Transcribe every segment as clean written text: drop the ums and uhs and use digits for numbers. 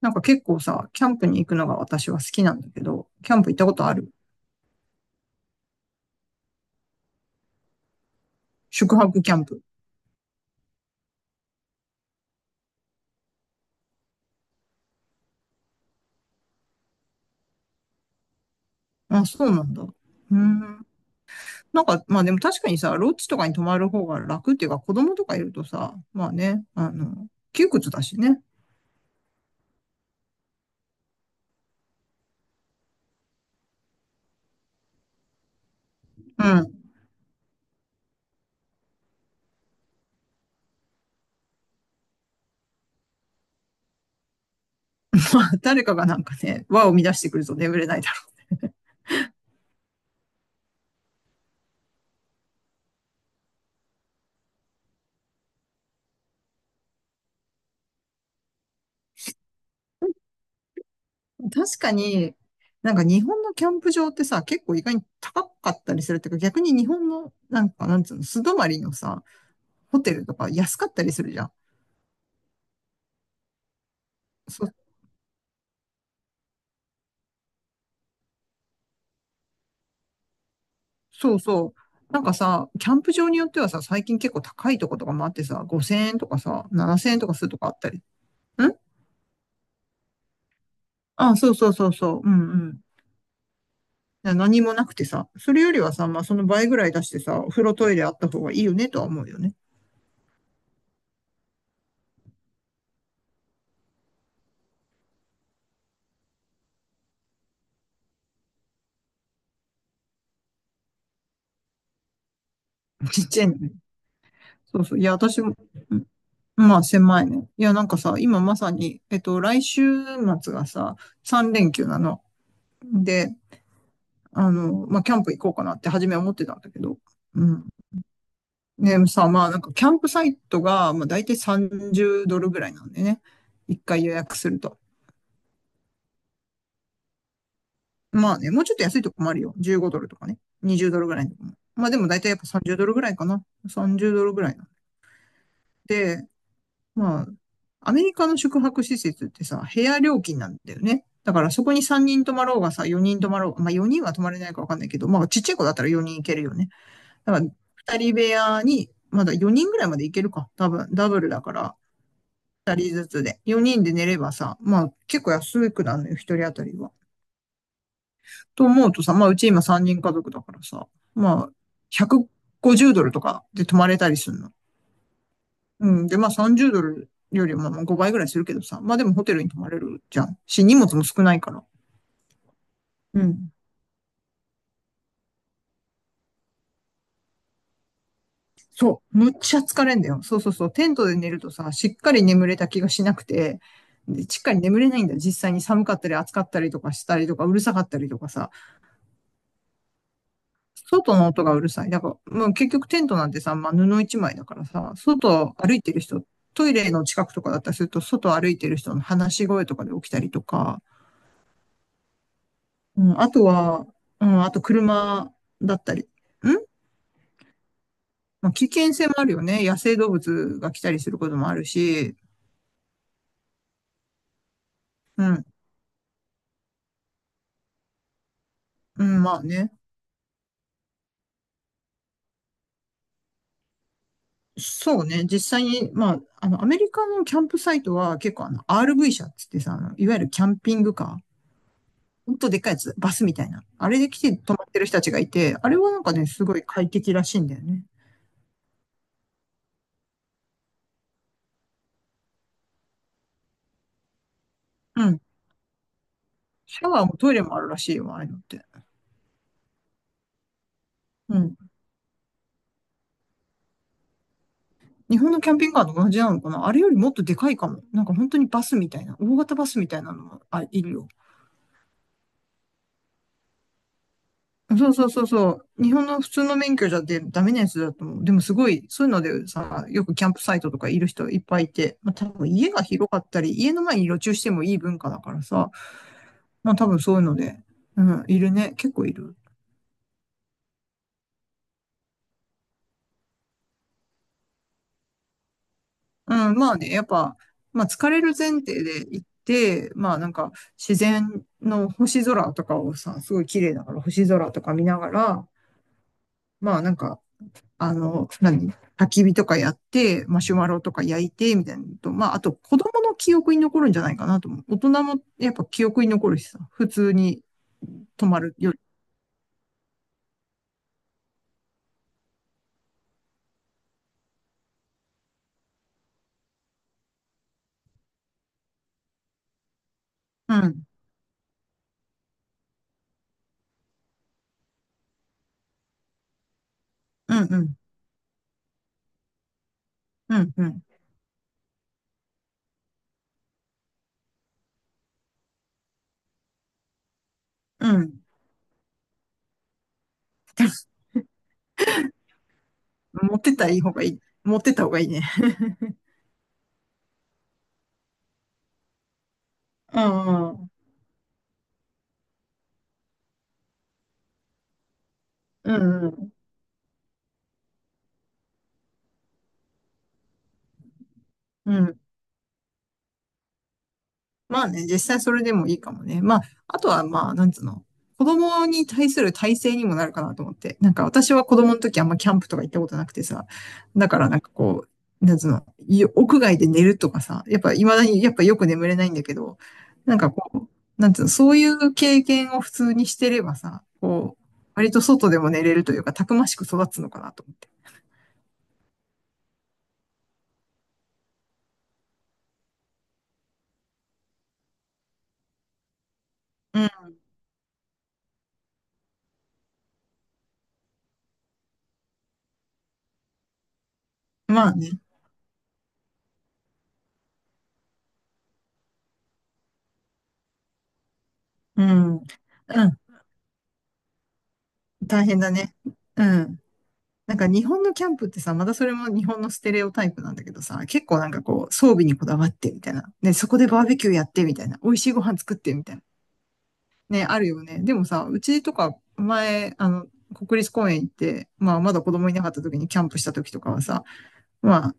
なんか結構さ、キャンプに行くのが私は好きなんだけど、キャンプ行ったことある？宿泊キャンプ。あ、そうなんだ。うーん。なんか、まあでも確かにさ、ロッジとかに泊まる方が楽っていうか、子供とかいるとさ、まあね、窮屈だしね。うん。まあ、誰かがなんかね、輪を乱してくると眠れないだろう。確かに、なんか日本のキャンプ場ってさ、結構意外に高かったりするっていうか、逆に日本の、なんか、なんつうの、素泊まりのさ、ホテルとか安かったりするじゃん。そうそう。なんかさ、キャンプ場によってはさ、最近結構高いとことかもあってさ、5000円とかさ、7000円とかするとかあったり。ん、あ、そうそうそうそう。うんうん。な、何もなくてさ、それよりはさ、まあその倍ぐらい出してさ、お風呂トイレあった方がいいよねとは思うよね。ちっちゃいのね。そうそう。いや、私も、うん、まあ狭いね。いや、なんかさ、今まさに、来週末がさ、3連休なの。で、あの、まあキャンプ行こうかなって初めは思ってたんだけど、うん。ねさ、まあなんかキャンプサイトが、まあ大体30ドルぐらいなんでね。一回予約すると。まあね、もうちょっと安いとこもあるよ。15ドルとかね。20ドルぐらいのとこも。まあでも大体やっぱ30ドルぐらいかな。30ドルぐらいなんで、まあ、アメリカの宿泊施設ってさ、部屋料金なんだよね。だからそこに3人泊まろうがさ、4人泊まろうが、まあ4人は泊まれないかわかんないけど、まあちっちゃい子だったら4人行けるよね。だから2人部屋に、まだ4人ぐらいまで行けるか。多分、ダブルだから、二人ずつで。四人で寝ればさ、まあ結構安くなるのよ、一人当たりは。と思うとさ、まあうち今三人家族だからさ、まあ150ドルとかで泊まれたりするの。うん。で、まあ30ドルよりもま5倍ぐらいするけどさ、まあでもホテルに泊まれるじゃん。し、荷物も少ないから。うん。そう。むっちゃ疲れんだよ。そうそうそう。テントで寝るとさ、しっかり眠れた気がしなくて、で、しっかり眠れないんだよ。実際に寒かったり暑かったりとかしたりとか、うるさかったりとかさ。外の音がうるさい。だから、もう結局テントなんてさ、まあ、布一枚だからさ、外歩いてる人、トイレの近くとかだったりすると、外歩いてる人の話し声とかで起きたりとか、うん、あとは、うん、あと車だったり、ん、まあ、危険性もあるよね。野生動物が来たりすることもあるし、うん、うん、まあね。そうね。実際に、まあ、あの、アメリカのキャンプサイトは結構あの、RV 車っつってさ、あのいわゆるキャンピングカー、ほんとでっかいやつ、バスみたいな。あれで来て泊まってる人たちがいて、あれはなんかね、すごい快適らしいんだよね。うん。シャワーもトイレもあるらしいよ、ああいうのって。うん。日本のキャンピングカーと同じなのかな？あれよりもっとでかいかも。なんか本当にバスみたいな、大型バスみたいなのもあ、いるよ。そうそうそうそう。日本の普通の免許じゃでダメなやつだと思う。でもすごい、そういうのでさ、よくキャンプサイトとかいる人いっぱいいて、まあ多分家が広かったり、家の前に路駐してもいい文化だからさ、まあ多分そういうので、うん、いるね。結構いる。うん、まあね、やっぱ、まあ疲れる前提で行って、まあなんか自然の星空とかをさ、すごい綺麗だから星空とか見ながら、まあなんか、何、焚き火とかやって、マシュマロとか焼いて、みたいなのと、まああと子供の記憶に残るんじゃないかなと思う。大人もやっぱ記憶に残るしさ、普通に泊まるより。うん、うん、うん、うん、うん、うん。持ってったらいい方がいい。持ってった方がいいね。うん、うん、うん、うん。まあね、実際それでもいいかもね。まあ、あとはまあ、なんつうの、子供に対する体制にもなるかなと思って。なんか私は子供の時あんまキャンプとか行ったことなくてさ、だからなんかこう、なんつうの、よ、屋外で寝るとかさ、やっぱ未だにやっぱよく眠れないんだけど、なんかこう、なんつうの、そういう経験を普通にしてればさ、こう、割と外でも寝れるというか、たくましく育つのかなと思って。うん。まあね。うん。うん。大変だね。うん。なんか日本のキャンプってさ、またそれも日本のステレオタイプなんだけどさ、結構なんかこう、装備にこだわってみたいな。ね、そこでバーベキューやってみたいな。美味しいご飯作ってみたいな。ね、あるよね。でもさ、うちとか前、あの、国立公園行って、まあまだ子供いなかった時にキャンプした時とかはさ、ま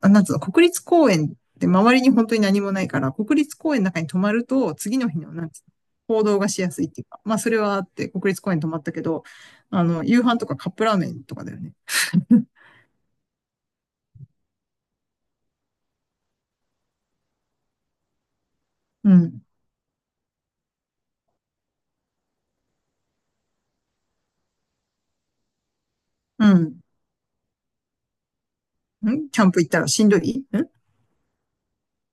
あ、なんつうの、国立公園って周りに本当に何もないから、国立公園の中に泊まると、次の日の、なんつうの、行動がしやすいっていうか、まあそれはあって、国立公園に泊まったけど、あの、夕飯とかカップラーメンとかだよね。うん。うん。んキャンプ行ったらしんどいん、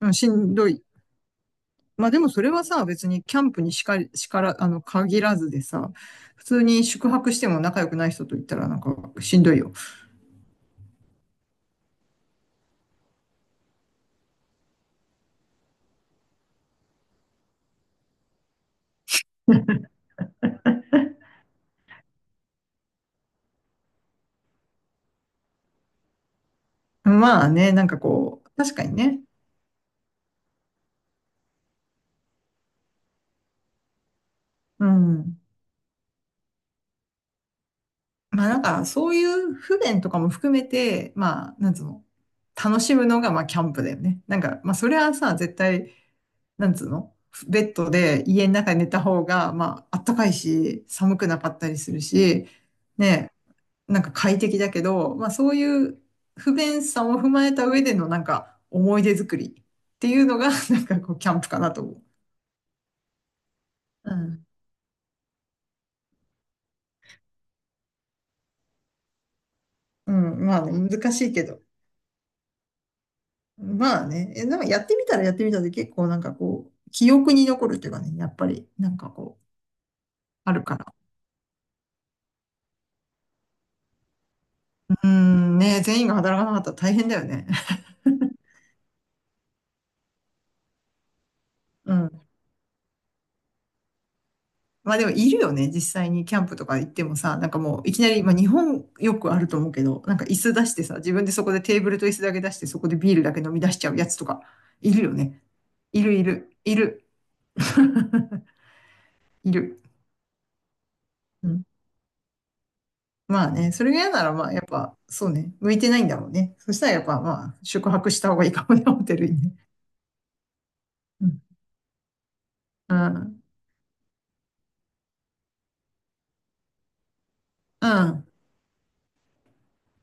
うん、しんどい。まあでもそれはさ、別にキャンプにしかり、しから、あの、限らずでさ、普通に宿泊しても仲良くない人と行ったらなんかしんどいよ。まあね、なんかこう、確かにね。うん。まあなんかそういう不便とかも含めて、まあ、なんつうの、楽しむのがまあキャンプだよね。なんか、まあそれはさ、絶対、なんつうの、ベッドで家の中に寝た方が、まああったかいし、寒くなかったりするし、ね、なんか快適だけど、まあそういう不便さも踏まえた上でのなんか思い出作りっていうのが なんかこうキャンプかなと思う。うん。うん。まあね、難しいけど。まあね、え、なんかやってみたらやってみたで結構なんかこう、記憶に残るっていうかね、やっぱりなんかこう、あるから。うん、ね、全員が働かなかったら大変だよね。うん。まあでもいるよね。実際にキャンプとか行ってもさ、なんかもういきなり、まあ日本よくあると思うけど、なんか椅子出してさ、自分でそこでテーブルと椅子だけ出して、そこでビールだけ飲み出しちゃうやつとか、いるよね。いるいる、いる。いる。うん。まあね、それが嫌なら、まあやっぱ、そうね、向いてないんだろうね。そしたらやっぱ、まあ、宿泊した方がいいかもね、ホテルにね。うん。うん。うん